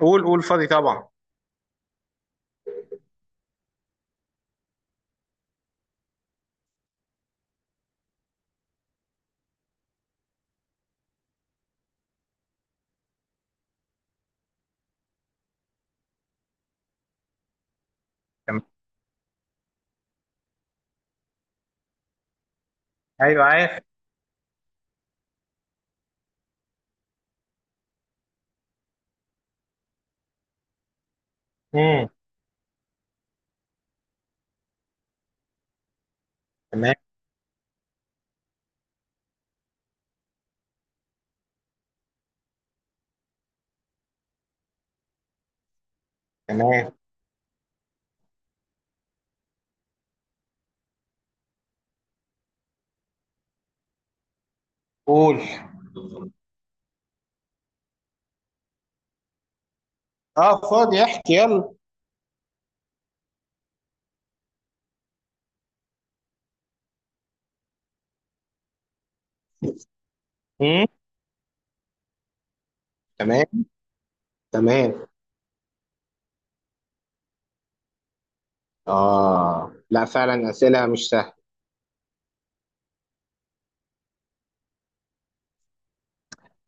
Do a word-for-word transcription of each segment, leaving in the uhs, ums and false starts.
قول قول فاضي طبعا. تمام. ايوه، عارف. امم. تمام، تمام. قول. اه، فاضي، احكي يلا. امم. تمام، تمام. اه، لا فعلا، اسئله مش سهله.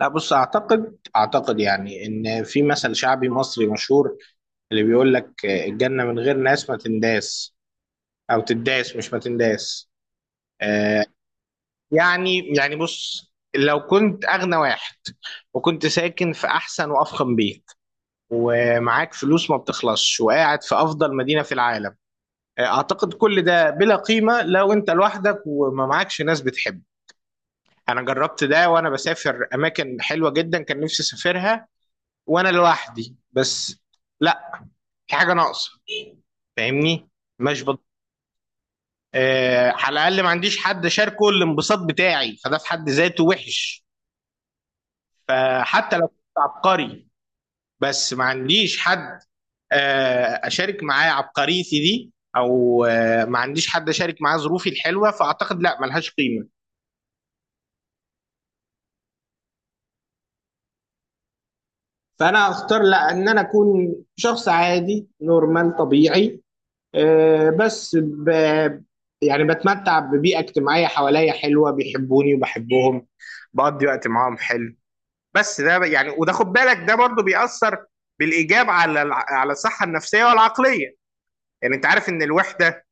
لا، بص، اعتقد اعتقد يعني ان في مثل شعبي مصري مشهور اللي بيقول لك آه، الجنه من غير ناس ما تنداس، او تداس، مش ما تنداس. آه يعني يعني بص، لو كنت اغنى واحد، وكنت ساكن في احسن وافخم بيت، ومعاك فلوس ما بتخلصش، وقاعد في افضل مدينة في العالم، اعتقد كل ده بلا قيمة لو انت لوحدك وما معكش ناس بتحب. انا جربت ده وانا بسافر اماكن حلوة جدا كان نفسي اسافرها وانا لوحدي بس. لا، في حاجة ناقصة، فاهمني؟ مش بض... أه على الاقل ما عنديش حد شاركه الانبساط بتاعي، فده في حد ذاته وحش. فحتى لو كنت عبقري بس ما عنديش حد آه، اشارك معاه عبقريتي دي، او آه، ما عنديش حد اشارك معاه ظروفي الحلوه، فاعتقد لا، ملهاش قيمه. فانا اختار لا، ان انا اكون شخص عادي نورمال طبيعي، آه، بس ب... يعني بتمتع ببيئه اجتماعيه حواليا حلوه، بيحبوني وبحبهم، بقضي وقت معاهم حلو. بس ده يعني، وده خد بالك ده برضو بيأثر بالايجاب على الع- على الصحه النفسيه والعقليه. يعني انت عارف ان الوحده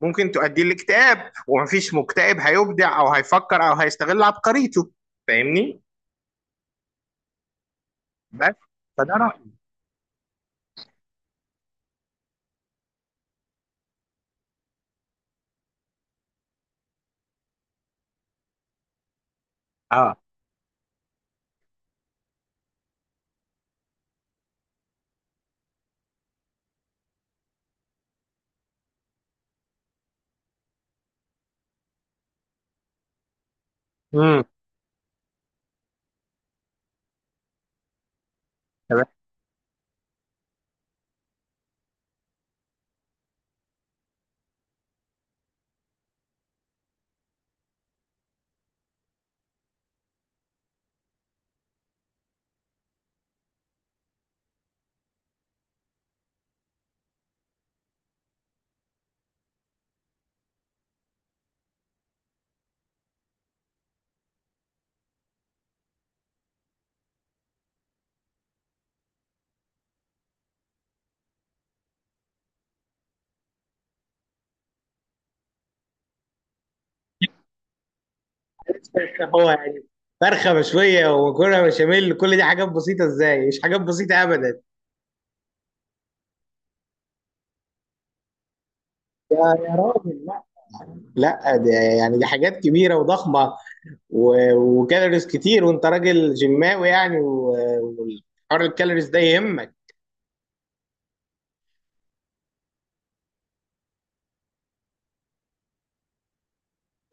ممكن تؤدي لاكتئاب، ومفيش مكتئب هيبدع او هيفكر او هيستغل عبقريته، فاهمني؟ بس، فده رأيي. اه. امم. طب هو يعني فرخة مشوية ومكرونة بشاميل، كل دي حاجات بسيطة ازاي؟ مش حاجات بسيطة أبدا. يا يا راجل، لا. لا دي يعني، دي حاجات كبيرة وضخمة، و- وكالوريز كتير، وأنت راجل جماوي يعني، و- وحوار الكالوريز ده يهمك.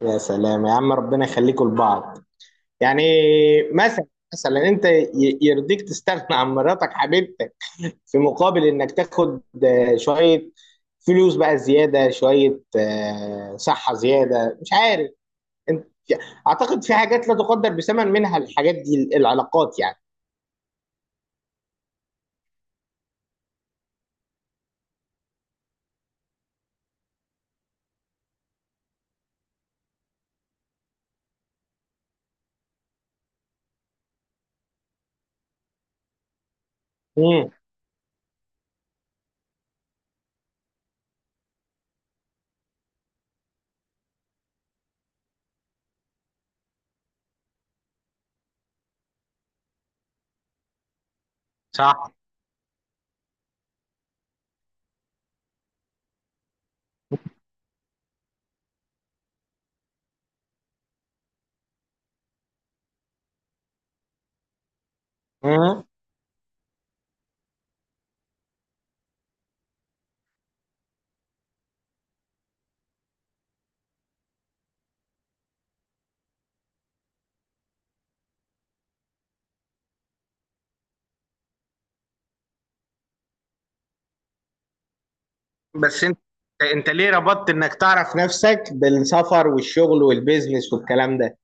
يا سلام يا عم، ربنا يخليكم لبعض يعني. مثلا، مثلا انت ي- يرضيك تستغنى عن مراتك حبيبتك في مقابل انك تاخد آه، شوية فلوس بقى زيادة، شوية آه، صحة زيادة، مش عارف انت. اعتقد في حاجات لا تقدر بثمن، منها الحاجات دي، العلاقات يعني. امم. صح. امم. بس انت، انت ليه ربطت انك تعرف نفسك بالسفر والشغل والبيزنس والكلام ده؟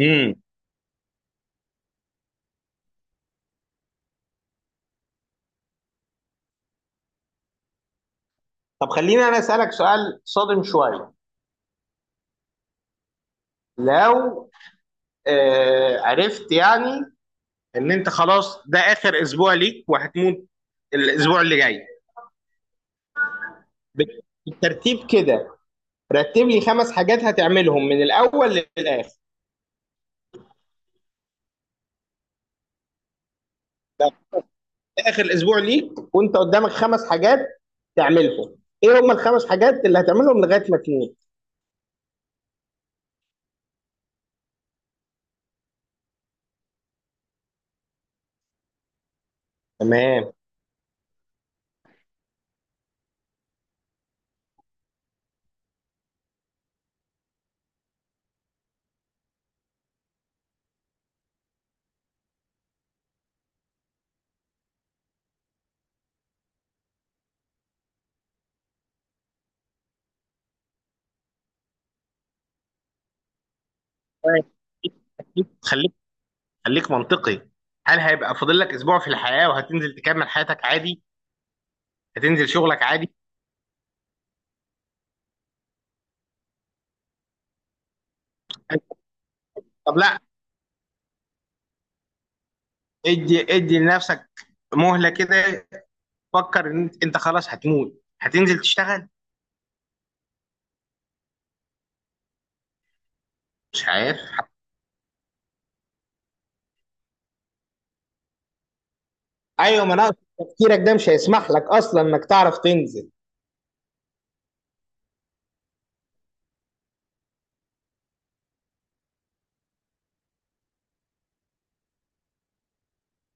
امم. طب خليني انا اسالك سؤال صادم شويه. لو آه عرفت يعني ان انت خلاص ده اخر اسبوع ليك وهتموت الاسبوع اللي جاي، بالترتيب كده رتب لي خمس حاجات هتعملهم من الاول للاخر. ده اخر اسبوع ليك وانت قدامك خمس حاجات تعملهم، ايه هم الخمس حاجات اللي هتعملهم لغايه ما تموت؟ تمام. خليك، خليك منطقي. هل هيبقى فاضل لك اسبوع في الحياه وهتنزل تكمل حياتك عادي؟ هتنزل شغلك عادي؟ طب لا، ادي ادي لنفسك مهلة كده، فكر ان انت، أنت خلاص هتموت، هتنزل تشتغل؟ مش عارف. ايوه، ما انا أقصد تفكيرك ده مش هيسمح لك اصلا انك تعرف تنزل.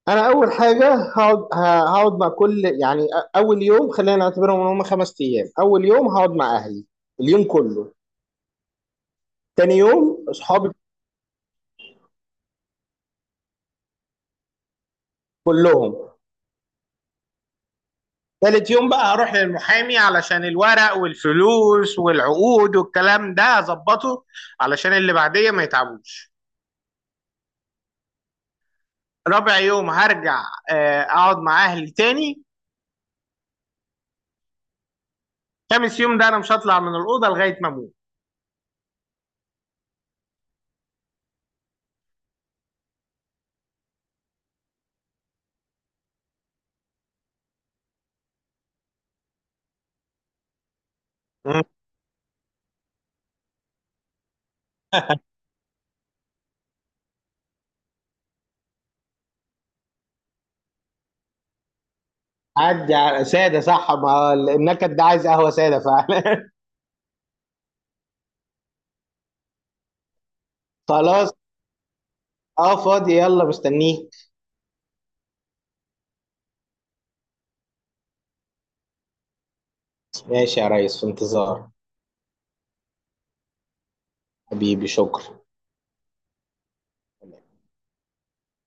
انا اول حاجه هقعد ه- هقعد مع كل، يعني أ- اول يوم خلينا نعتبرهم ان هم خمس ايام. اول يوم هقعد مع اهلي اليوم كله. تاني يوم اصحابي كلهم. تالت يوم بقى هروح للمحامي علشان الورق والفلوس والعقود والكلام ده اظبطه، علشان اللي بعديه ما يتعبوش. رابع يوم هرجع آه، اقعد مع اهلي تاني. خامس يوم ده انا مش هطلع من الاوضه لغايه ما اموت. مم. عدي على ساده، صح، ما ال- النكد ده عايز قهوه ساده فعلا. خلاص. اه، فاضي، يلا مستنيك. ماشي يا ريس، في انتظار. حبيبي، شكرا.